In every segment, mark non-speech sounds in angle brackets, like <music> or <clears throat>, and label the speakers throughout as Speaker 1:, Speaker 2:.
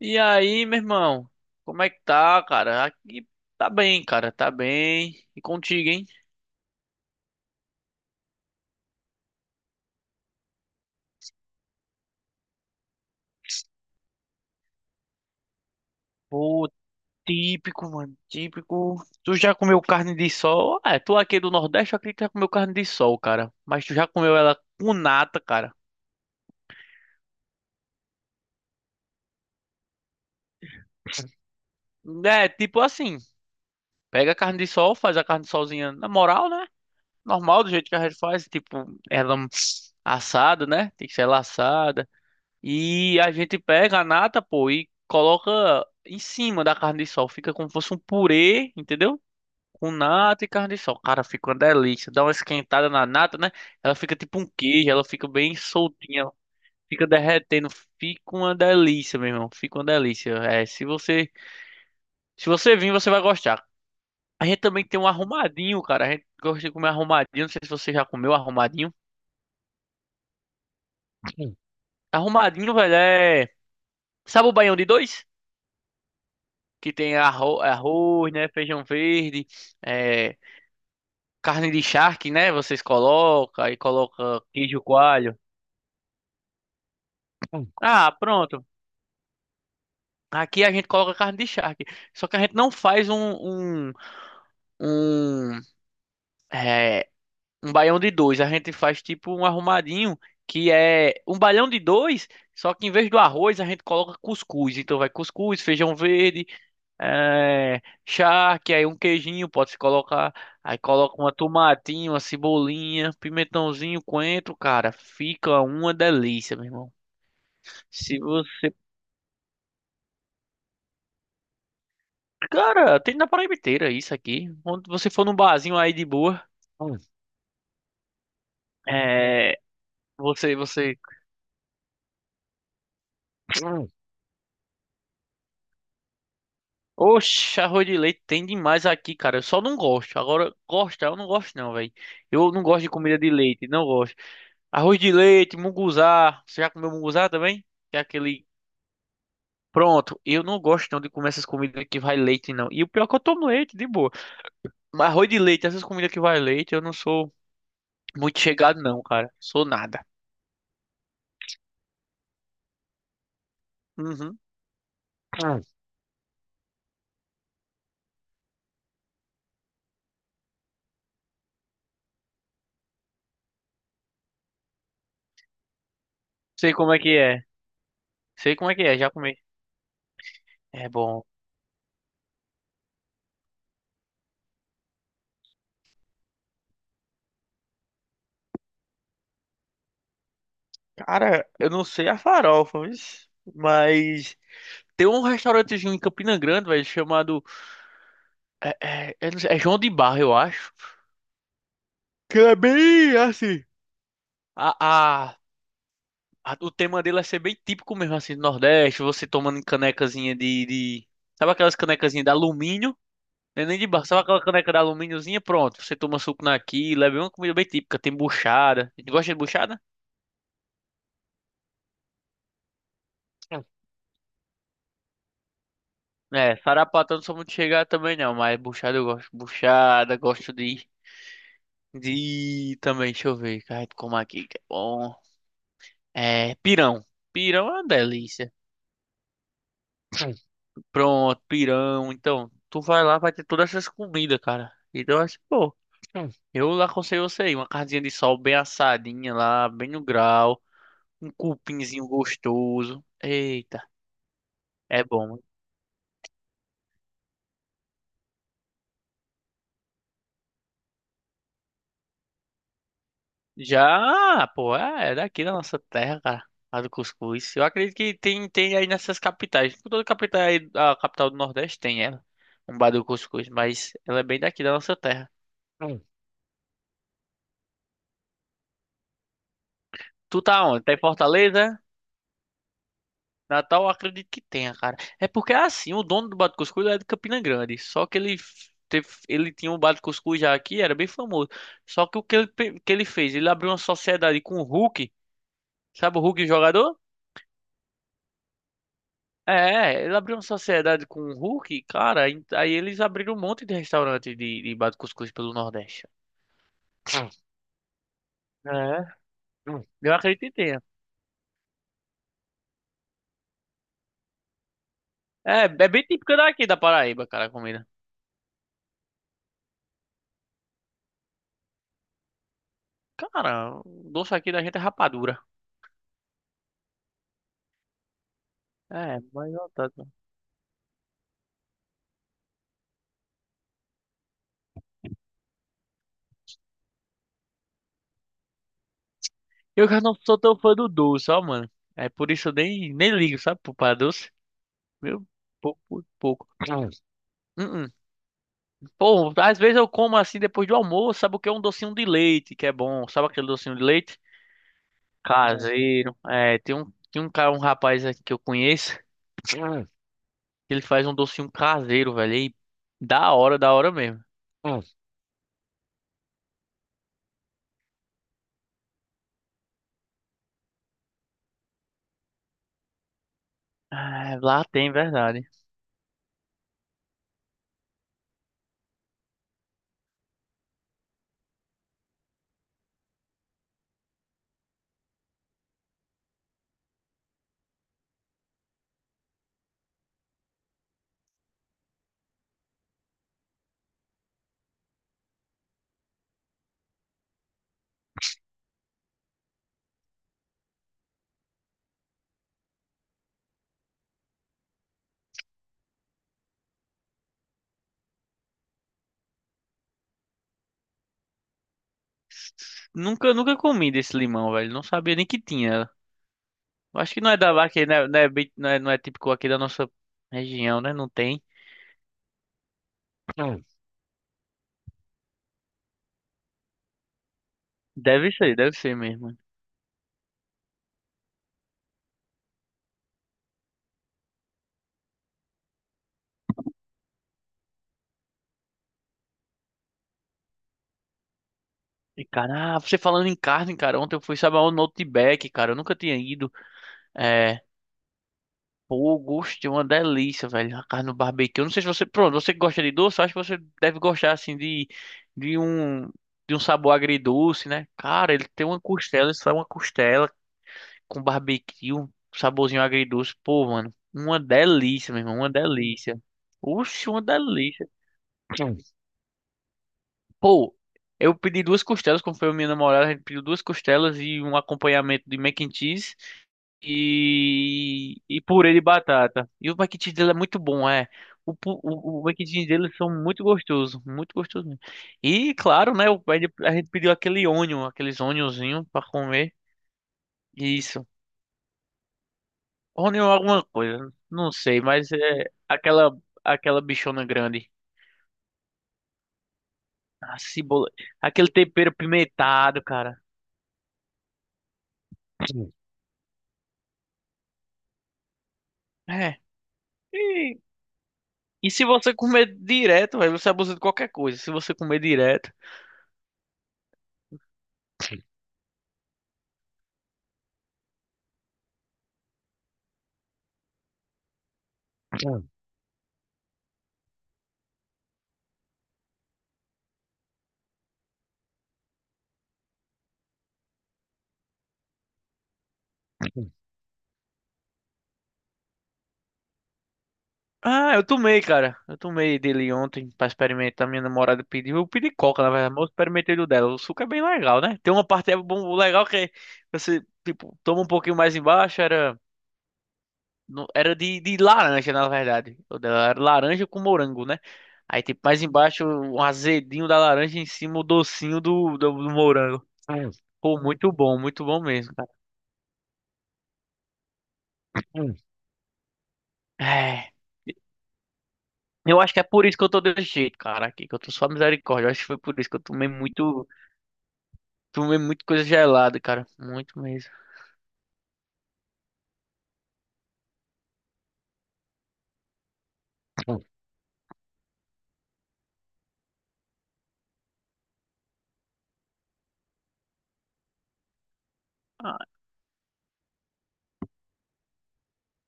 Speaker 1: E aí, meu irmão? Como é que tá, cara? Aqui tá bem, cara, tá bem. E contigo, hein? Pô, típico, mano, típico. Tu já comeu carne de sol? Ah, é, tu aqui do Nordeste, eu acredito que já comeu carne de sol, cara. Mas tu já comeu ela com nata, cara. É, tipo assim, pega a carne de sol, faz a carne de solzinha na moral, né? Normal, do jeito que a gente faz, tipo, ela assada, né? Tem que ser ela assada. E a gente pega a nata, pô, e coloca em cima da carne de sol. Fica como se fosse um purê, entendeu? Com nata e carne de sol. Cara, fica uma delícia. Dá uma esquentada na nata, né? Ela fica tipo um queijo, ela fica bem soltinha, fica derretendo. Fica uma delícia, meu irmão. Fica uma delícia. É, se você, se você vir, você vai gostar. A gente também tem um arrumadinho, cara. A gente gosta de comer arrumadinho. Não sei se você já comeu arrumadinho. Sim. Arrumadinho, velho, é. Sabe o baião de dois? Que tem arroz, né, feijão verde, é, carne de charque, né, vocês colocam, aí coloca queijo coalho. Ah, pronto. Aqui a gente coloca carne de charque. Só que a gente não faz um, é, um baião de dois. A gente faz tipo um arrumadinho, que é um baião de dois, só que em vez do arroz a gente coloca cuscuz. Então vai cuscuz, feijão verde, é, charque, aí um queijinho pode se colocar. Aí coloca uma tomatinho, uma cebolinha, pimentãozinho, coentro, cara. Fica uma delícia, meu irmão. Se você. Cara, tem na Paraíba inteira isso aqui. Quando você for num barzinho aí de boa, hum. É. Você. Hum. Oxe, arroz de leite tem demais aqui, cara. Eu só não gosto. Agora, gostar, eu não gosto, não, velho. Eu não gosto de comida de leite, não gosto. Arroz de leite, munguzá. Você já comeu munguzá também? Que é aquele. Pronto, eu não gosto não de comer essas comidas que vai leite, não. E o pior é que eu tomo leite, de boa. Mas arroz de leite, essas comidas que vai leite, eu não sou muito chegado, não, cara. Sou nada. Uhum. Hum. Sei como é que é. Sei como é que é, já comi. É bom. Cara, eu não sei a farofa, mas tem um restaurantezinho em Campina Grande, velho, chamado. Eu não sei, é João de Barro, eu acho. Que é bem assim. A, o tema dele é ser bem típico mesmo, assim, do Nordeste, você tomando canecazinha de... Sabe aquelas canecazinhas de alumínio? Não é nem de barro, sabe aquela caneca de alumíniozinha? Pronto, você toma suco naquilo, é bem uma comida bem típica, tem buchada. Tu gosta de buchada? Hum. É, sarapatel não sou muito chegar também não, mas buchada eu gosto. Buchada, gosto de... De... também, deixa eu ver, cara, como aqui, que é bom. É, pirão. Pirão é uma delícia. Pronto, pirão. Então, tu vai lá, vai ter todas essas comidas, cara. Então, acho que, pô, eu lá aconselho você aí, uma carninha de sol bem assadinha lá, bem no grau, um cupinzinho gostoso. Eita, é bom. Hein? Já, pô, é daqui da nossa terra, cara. A do cuscuz. Eu acredito que tem aí nessas capitais. Toda capital aí, a capital do Nordeste tem ela. Um bar do cuscuz, mas ela é bem daqui da nossa terra. Hum. Tu tá onde? Tá em Fortaleza? Natal eu acredito que tenha, cara. É porque é assim, o dono do Bate Cuscuz é de Campina Grande. Só que ele teve, ele tinha um Bate Cuscuz já aqui, era bem famoso. Só que o que ele, que ele fez? Ele abriu uma sociedade com o Hulk. Sabe o Hulk jogador? É, ele abriu uma sociedade com o Hulk, cara. Aí eles abriram um monte de restaurante de Bate Cuscuz pelo Nordeste. É. Eu acredito que tenha. É, é bem típico daqui da Paraíba, cara, a comida. Cara, o doce aqui da gente é rapadura. É, mas não tanto. Eu já não sou tão fã do doce, ó, mano. É por isso eu nem ligo, sabe, pra doce. Meu, pouco, pouco. Hum, hum. Pô, às vezes eu como assim depois do almoço, sabe o que é um docinho de leite, que é bom. Sabe aquele docinho de leite? Hum. Caseiro. É, tem um cara, um rapaz aqui que eu conheço, que ele faz um docinho caseiro, velho. E da hora mesmo. Ah, lá tem, verdade. Nunca comi desse limão, velho. Não sabia nem que tinha. Eu acho que não é da aqui, né? Não é, não é, não é típico aqui da nossa região, né? Não tem. Não. Deve ser mesmo. E, cara, ah, você falando em carne, cara, ontem eu fui, sabe, aonde? No Outback, cara, eu nunca tinha ido. É, pô, gostei, uma delícia, velho, a carne no barbecue. Eu não sei se você, pronto, você que gosta de doce, eu acho que você deve gostar, assim, de, de um, de um sabor agridoce, né? Cara, ele tem uma costela, isso é uma costela, com barbecue, um saborzinho agridoce. Pô, mano, uma delícia, meu irmão, uma delícia. Oxe, uma delícia. <clears throat> Pô, eu pedi duas costelas, como foi a minha namorada, a gente pediu duas costelas e um acompanhamento de mac and cheese e purê de batata. E o mac and cheese dele é muito bom, é. O mac and cheese deles são muito gostosos mesmo. E claro, né, a gente pediu aquele onion, aqueles onionzinho pra comer. Isso. Rony ou alguma coisa, não sei, mas é aquela aquela bichona grande, a cebola, aquele tempero pimentado, cara. Sim. É. E, e se você comer direto, velho, você abusa de qualquer coisa. Se você comer direto. Ah, eu tomei, cara. Eu tomei dele ontem pra experimentar. Minha namorada pediu. Eu pedi coca, na verdade, mas eu experimentei do dela. O suco é bem legal, né? Tem uma parte é bom, legal que você, tipo, toma um pouquinho mais embaixo. Era, era de laranja, na verdade. O dela era laranja com morango, né? Aí, tipo, mais embaixo, o azedinho da laranja, em cima, o docinho do morango. Hum. Pô, muito bom mesmo, cara. Hum. É, eu acho que é por isso que eu tô desse jeito, cara, aqui, que eu tô só misericórdia. Eu acho que foi por isso que eu tomei muito coisa gelada, cara. Muito mesmo. Ah,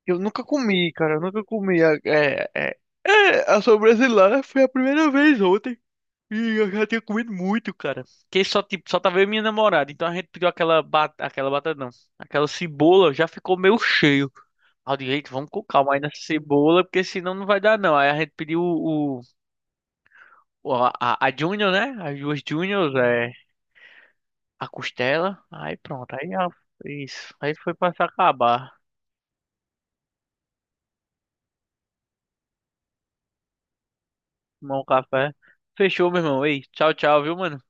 Speaker 1: eu nunca comi, cara. Eu nunca comi. A sobremesa lá foi a primeira vez ontem. Ih, eu já tinha comido muito, cara. Que só, tipo, só tava eu e minha namorada. Então a gente pediu aquela batata não. Aquela cebola já ficou meio cheio. Ao direito vamos com calma aí nessa cebola, porque senão não vai dar não. Aí a gente pediu a Junior, né? As duas Juniors, é, a costela. Aí pronto, isso. Aí foi pra se acabar. Tomar um café. Fechou, meu irmão. Ei, tchau, tchau, viu, mano?